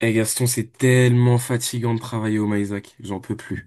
Eh Gaston, c'est tellement fatigant de travailler au Maïsac, j'en peux plus.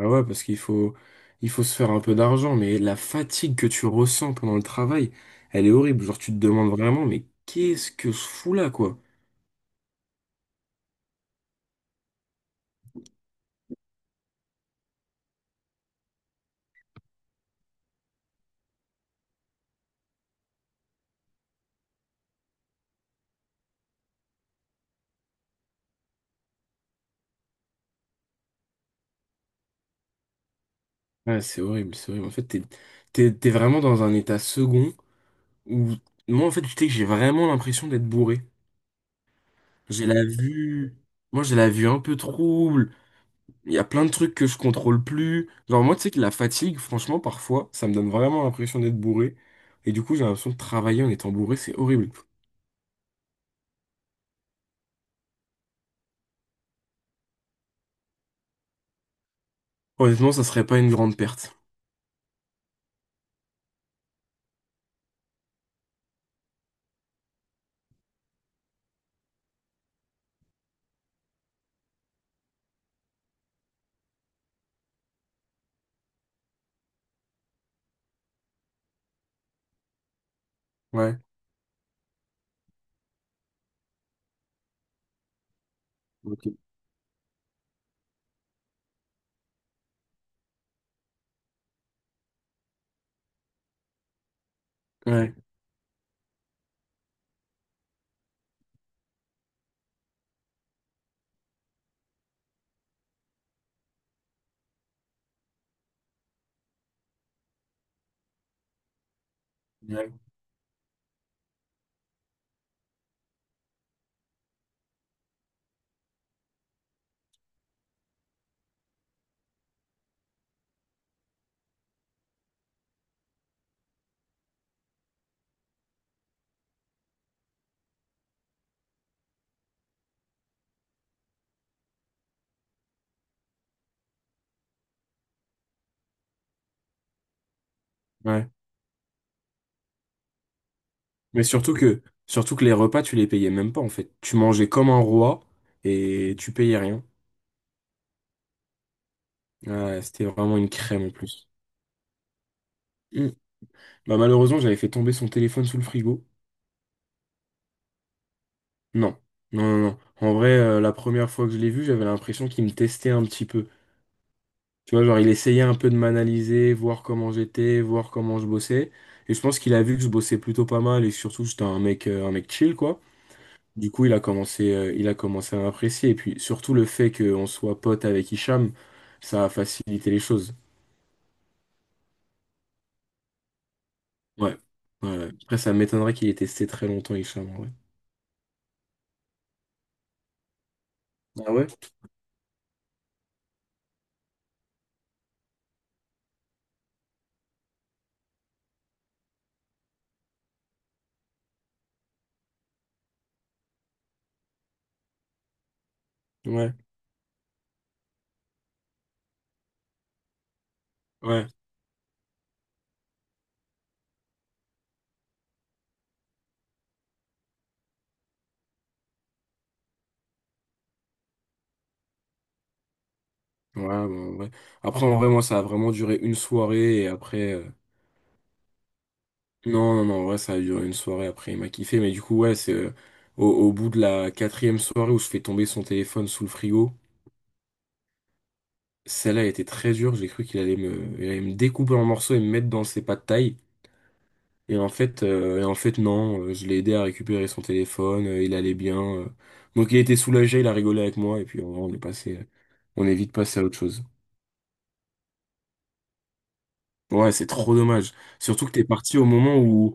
Ah ouais, parce qu'il faut se faire un peu d'argent, mais la fatigue que tu ressens pendant le travail, elle est horrible. Genre, tu te demandes vraiment, mais qu'est-ce que je fous là, quoi? Ouais, c'est horrible, c'est horrible. En fait, t'es vraiment dans un état second où, moi, en fait, tu sais que j'ai vraiment l'impression d'être bourré. J'ai la vue, Moi, j'ai la vue un peu trouble. Il y a plein de trucs que je contrôle plus. Genre, moi, tu sais que la fatigue, franchement, parfois, ça me donne vraiment l'impression d'être bourré. Et du coup, j'ai l'impression de travailler en étant bourré, c'est horrible. Honnêtement, ça serait pas une grande perte. Ouais. Ok. Ouais. Ouais. Ouais. Mais surtout que les repas, tu les payais même pas, en fait. Tu mangeais comme un roi et tu payais rien. Ouais, c'était vraiment une crème en plus. Mm. Bah, malheureusement, j'avais fait tomber son téléphone sous le frigo. Non. Non, non, non. En vrai, la première fois que je l'ai vu, j'avais l'impression qu'il me testait un petit peu. Tu vois, genre, il essayait un peu de m'analyser, voir comment j'étais, voir comment je bossais. Et je pense qu'il a vu que je bossais plutôt pas mal et surtout, j'étais un mec chill, quoi. Du coup, il a commencé à m'apprécier. Et puis, surtout, le fait qu'on soit pote avec Hicham, ça a facilité les choses. Ouais. Ouais. Ouais. Après, ça m'étonnerait qu'il ait testé très longtemps, Hicham, en vrai. Ah ouais? Ouais. Ouais. Ouais, bah, ouais. Après, en vrai, moi, ça a vraiment duré une soirée et après. Non, non, non, ouais, ça a duré une soirée après, il m'a kiffé, mais du coup, ouais, c'est au bout de la quatrième soirée où je fais tomber son téléphone sous le frigo, celle-là a été très dure, j'ai cru qu'il allait me découper en morceaux et me mettre dans ses pas de taille, et en fait, non, je l'ai aidé à récupérer son téléphone, il allait bien. Donc il était soulagé, il a rigolé avec moi, et puis en on est passé, on est vite passé à autre chose. Ouais, c'est trop dommage, surtout que t'es parti au moment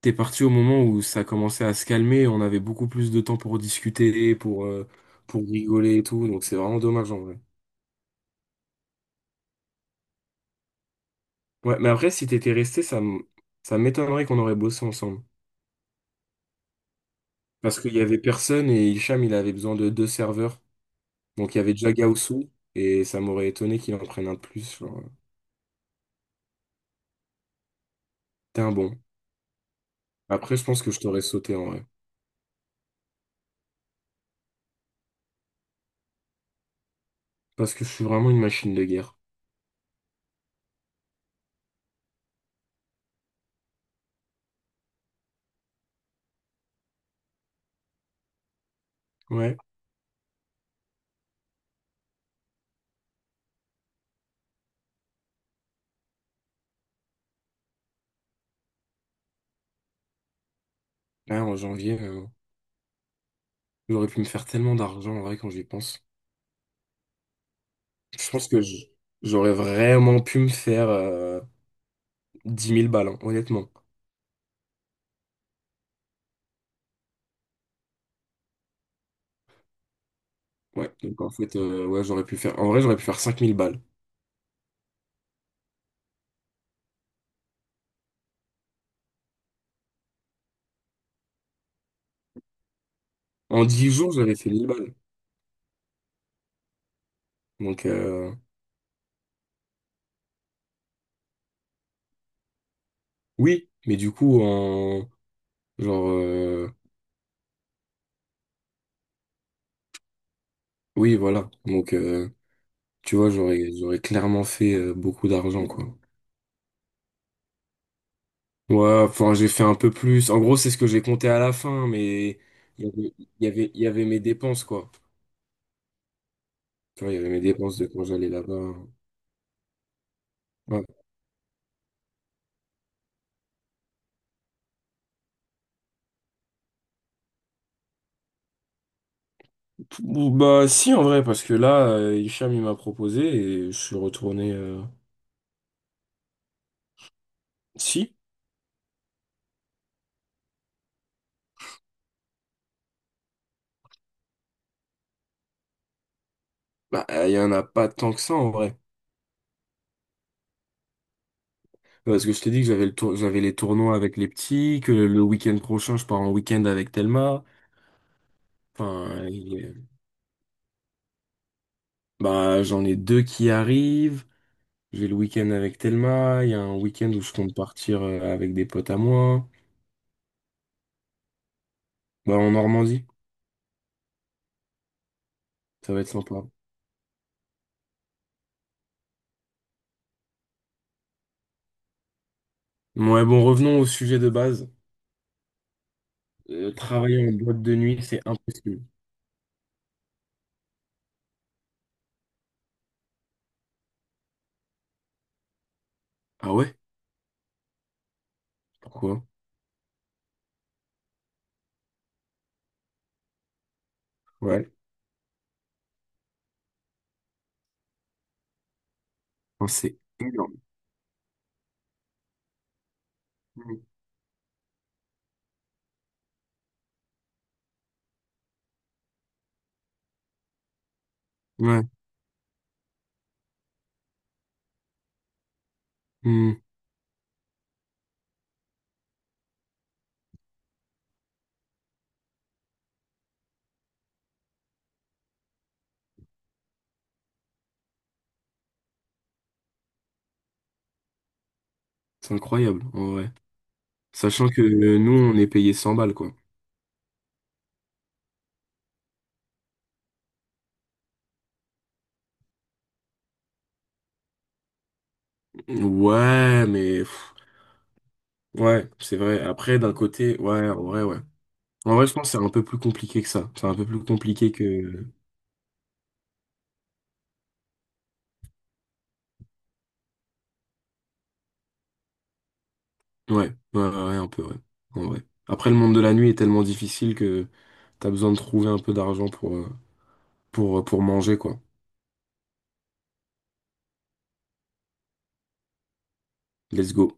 T'es parti au moment où ça commençait à se calmer, on avait beaucoup plus de temps pour discuter, pour rigoler et tout, donc c'est vraiment dommage en vrai. Ouais, mais après, si t'étais resté, ça m'étonnerait qu'on aurait bossé ensemble. Parce qu'il y avait personne et Hicham, il avait besoin de deux serveurs. Donc il y avait déjà Gaoussou, et ça m'aurait étonné qu'il en prenne un de plus. Genre. T'es un bon. Après, je pense que je t'aurais sauté en vrai. Parce que je suis vraiment une machine de guerre. Ouais. Là, en janvier, j'aurais pu me faire tellement d'argent en vrai quand j'y pense. Je pense que j'aurais vraiment pu me faire 10 000 balles, hein, honnêtement. Ouais, donc en fait, ouais, j'aurais pu faire. En vrai, j'aurais pu faire 5000 balles. En 10 jours, j'avais fait 1000 balles. Donc, oui, mais du coup, en. Genre. Oui, voilà. Donc, tu vois, j'aurais clairement fait beaucoup d'argent, quoi. Ouais, enfin, j'ai fait un peu plus. En gros, c'est ce que j'ai compté à la fin, mais il y avait, il y avait, il y avait mes dépenses, quoi. Tu vois, il y avait mes dépenses de quand j'allais là-bas. Bah si, en vrai, parce que là, Hicham il m'a proposé et je suis retourné. Si. Bah, il y en a pas tant que ça en vrai, parce que je t'ai dit que j'avais les tournois avec les petits, que le week-end prochain je pars en week-end avec Thelma, enfin il est- bah j'en ai deux qui arrivent. J'ai le week-end avec Thelma, il y a un week-end où je compte partir avec des potes à moi. Bah, en Normandie. Ça va être sympa. Ouais, bon, revenons au sujet de base. Travailler en boîte de nuit, c'est impossible. Ah ouais? Pourquoi? Ouais. Enfin, c'est énorme. Mm. Ouais. Mm. C'est incroyable, en vrai. Sachant que nous, on est payé 100 balles, quoi. Ouais, mais pff, ouais, c'est vrai. Après, d'un côté, ouais. En vrai, je pense que c'est un peu plus compliqué que ça. C'est un peu plus compliqué que. Ouais, ouais, ouais, ouais, un peu, ouais. En vrai. Après, le monde de la nuit est tellement difficile que t'as besoin de trouver un peu d'argent pour manger, quoi. Let's go.